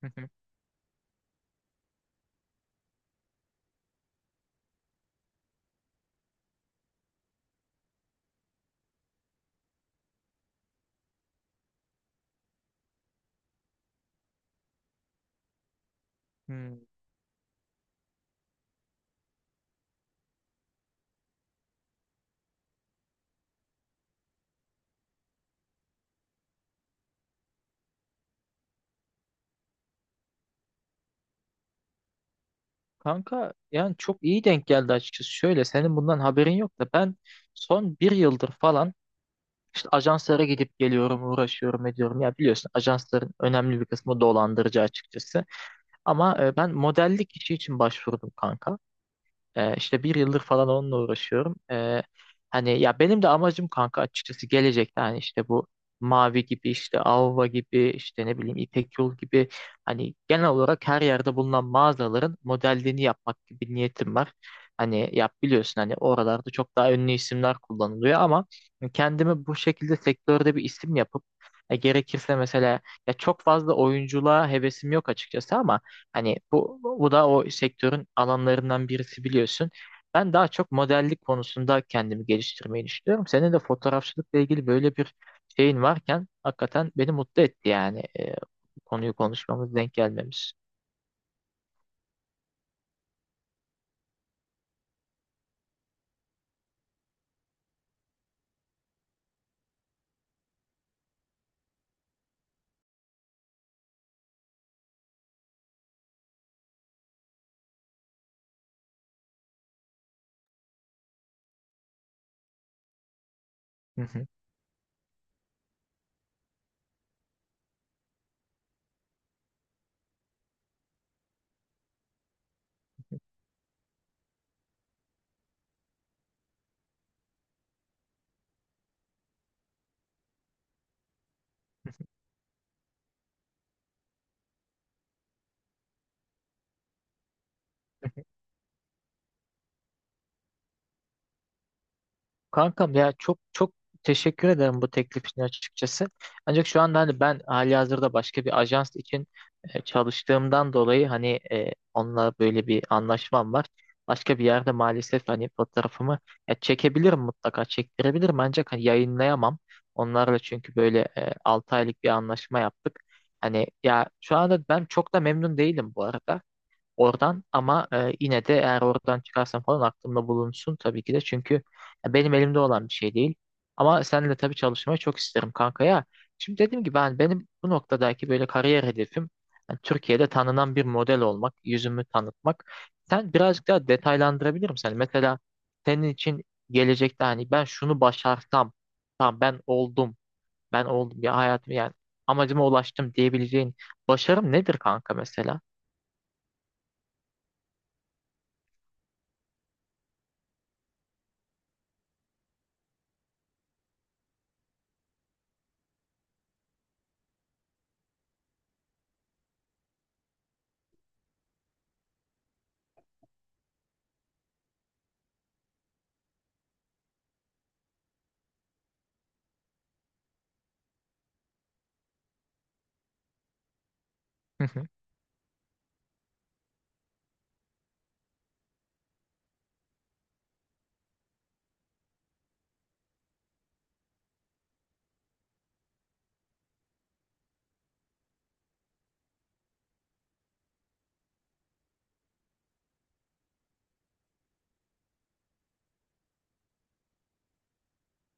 Hı hı. Hmm. Kanka yani çok iyi denk geldi açıkçası. Şöyle senin bundan haberin yok da ben son bir yıldır falan işte ajanslara gidip geliyorum, uğraşıyorum, ediyorum. Ya biliyorsun ajansların önemli bir kısmı dolandırıcı açıkçası. Ama ben modellik işi için başvurdum kanka. İşte bir yıldır falan onunla uğraşıyorum. Hani ya benim de amacım kanka açıkçası gelecekte hani işte bu Mavi gibi işte Avva gibi işte ne bileyim İpek Yol gibi hani genel olarak her yerde bulunan mağazaların modelliğini yapmak gibi bir niyetim var. Hani yap biliyorsun hani oralarda çok daha ünlü isimler kullanılıyor ama kendimi bu şekilde sektörde bir isim yapıp gerekirse mesela ya çok fazla oyunculuğa hevesim yok açıkçası ama hani bu da o sektörün alanlarından birisi biliyorsun. Ben daha çok modellik konusunda kendimi geliştirmeyi düşünüyorum. Senin de fotoğrafçılıkla ilgili böyle bir şeyin varken hakikaten beni mutlu etti yani, konuyu konuşmamız, denk gelmemiz. Kankam ya çok çok teşekkür ederim bu teklif için açıkçası. Ancak şu anda hani ben halihazırda başka bir ajans için çalıştığımdan dolayı hani onunla böyle bir anlaşmam var. Başka bir yerde maalesef hani fotoğrafımı ya çekebilirim, mutlaka çektirebilirim ancak hani yayınlayamam. Onlarla çünkü böyle 6 aylık bir anlaşma yaptık. Hani ya şu anda ben çok da memnun değilim bu arada oradan ama yine de eğer oradan çıkarsam falan aklımda bulunsun tabii ki de çünkü ya benim elimde olan bir şey değil. Ama seninle tabii çalışmayı çok isterim kanka ya. Şimdi dediğim gibi benim bu noktadaki böyle kariyer hedefim yani Türkiye'de tanınan bir model olmak, yüzümü tanıtmak. Sen birazcık daha detaylandırabilir misin? Hani mesela senin için gelecekte hani ben şunu başarsam, tamam ben oldum, ben oldum ya hayatım yani amacıma ulaştım diyebileceğin başarım nedir kanka mesela?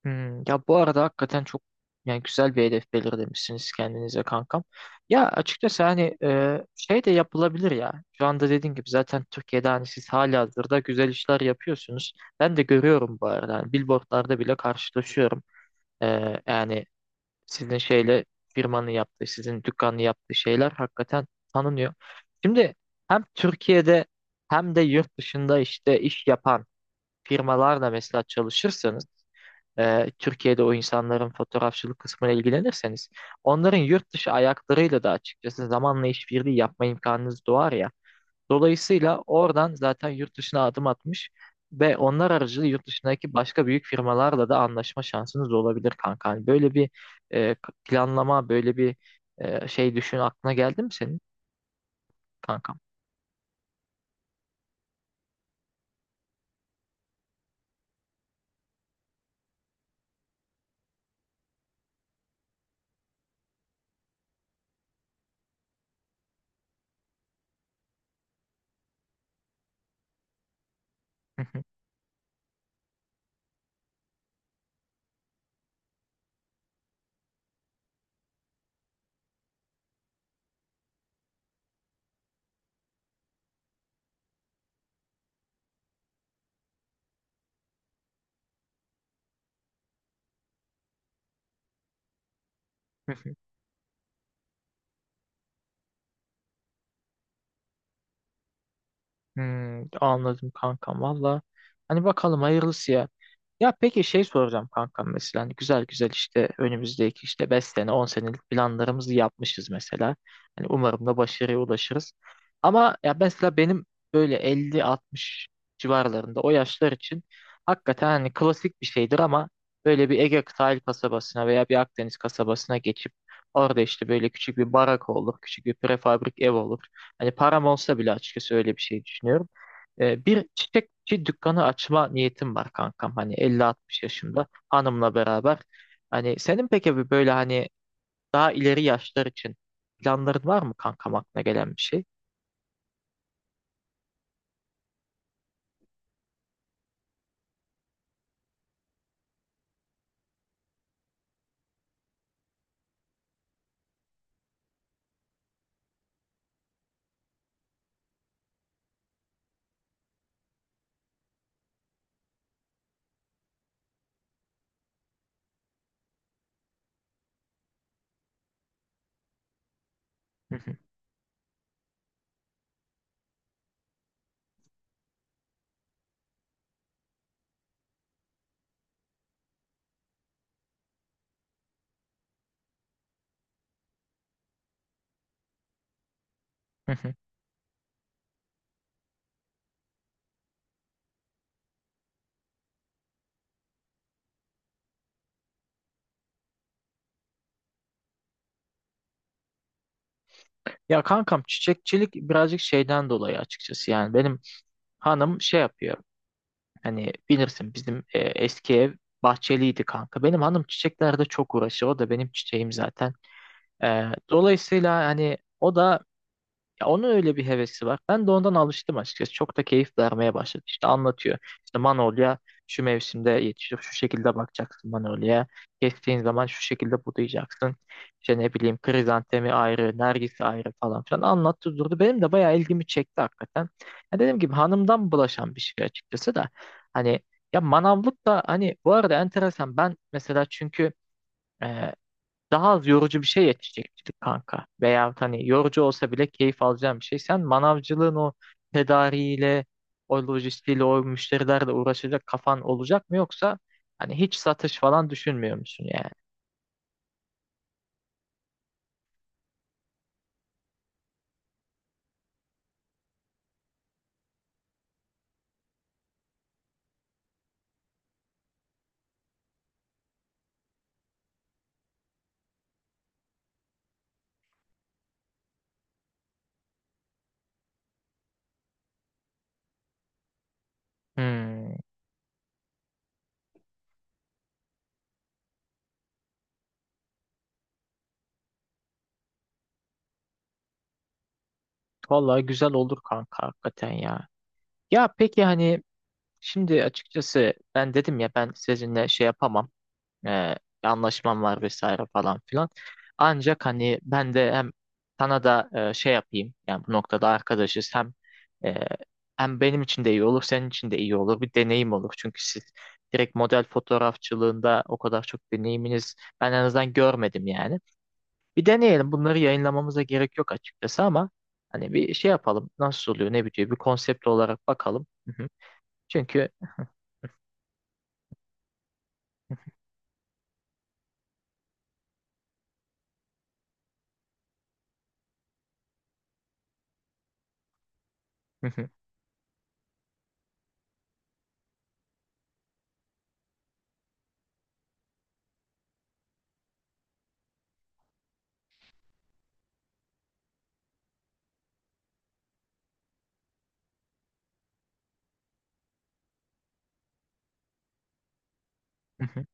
Hmm, ya bu arada hakikaten çok yani güzel bir hedef belirlemişsiniz kendinize kankam. Ya açıkçası hani şey de yapılabilir ya. Şu anda dediğim gibi zaten Türkiye'de hani siz halihazırda güzel işler yapıyorsunuz. Ben de görüyorum bu arada. Hani billboardlarda bile karşılaşıyorum. E, Yani sizin şeyle firmanın yaptığı, sizin dükkanın yaptığı şeyler hakikaten tanınıyor. Şimdi hem Türkiye'de hem de yurt dışında işte iş yapan firmalarla mesela çalışırsanız Türkiye'de o insanların fotoğrafçılık kısmına ilgilenirseniz onların yurt dışı ayaklarıyla da açıkçası zamanla işbirliği yapma imkanınız doğar ya. Dolayısıyla oradan zaten yurt dışına adım atmış ve onlar aracılığıyla yurt dışındaki başka büyük firmalarla da anlaşma şansınız olabilir kanka. Hani böyle bir e, planlama, böyle bir şey düşün aklına geldi mi senin kankam? Hmm, anladım kankam valla. Hani bakalım hayırlısı ya. Ya peki şey soracağım kankam mesela hani güzel güzel işte önümüzdeki işte 5 sene 10 senelik planlarımızı yapmışız mesela. Hani umarım da başarıya ulaşırız. Ama ya mesela benim böyle 50 60 civarlarında o yaşlar için hakikaten hani klasik bir şeydir ama böyle bir Ege sahil kasabasına veya bir Akdeniz kasabasına geçip orada işte böyle küçük bir barak olur, küçük bir prefabrik ev olur. Hani param olsa bile açıkçası öyle bir şey düşünüyorum. Bir çiçekçi dükkanı açma niyetim var kankam. Hani 50 60 yaşında hanımla beraber. Hani senin peki bir böyle hani daha ileri yaşlar için planların var mı kankam aklına gelen bir şey? Ya kankam çiçekçilik birazcık şeyden dolayı açıkçası yani benim hanım şey yapıyor, hani bilirsin bizim eski ev bahçeliydi kanka, benim hanım çiçeklerde çok uğraşıyor, o da benim çiçeğim zaten. E, Dolayısıyla hani o da, ya onun öyle bir hevesi var. Ben de ondan alıştım açıkçası. Çok da keyif vermeye başladı. İşte anlatıyor. İşte Manolya şu mevsimde yetişir. Şu şekilde bakacaksın Manolya'ya. Kestiğin zaman şu şekilde budayacaksın. İşte ne bileyim krizantemi ayrı, nergisi ayrı falan filan anlattı durdu. Benim de bayağı ilgimi çekti hakikaten. Ya dediğim gibi hanımdan bulaşan bir şey açıkçası da. Hani ya manavlık da hani bu arada enteresan. Ben mesela çünkü daha az yorucu bir şey yetişecektik kanka. Veyahut hani yorucu olsa bile keyif alacağım bir şey. Sen manavcılığın o tedariğiyle, o lojistiğiyle, o müşterilerle uğraşacak kafan olacak mı yoksa hani hiç satış falan düşünmüyor musun yani? Hmm, vallahi güzel olur kanka hakikaten ya. Ya peki hani şimdi açıkçası ben dedim ya ben sizinle şey yapamam. e, Anlaşmam var vesaire falan filan. Ancak hani ben de hem sana da şey yapayım yani bu noktada arkadaşız, e, hem benim için de iyi olur, senin için de iyi olur, bir deneyim olur. Çünkü siz direkt model fotoğrafçılığında o kadar çok deneyiminiz ben en azından görmedim yani. Bir deneyelim, bunları yayınlamamıza gerek yok açıkçası ama hani bir şey yapalım, nasıl oluyor ne bitiyor, bir konsept olarak bakalım. Hı hı. Çünkü. Hı hı, hı hı,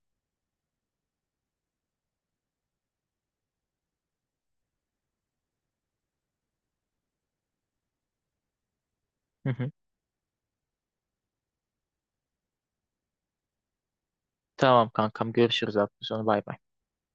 hı hı. Tamam kankam, görüşürüz hafta sonu, bay bay.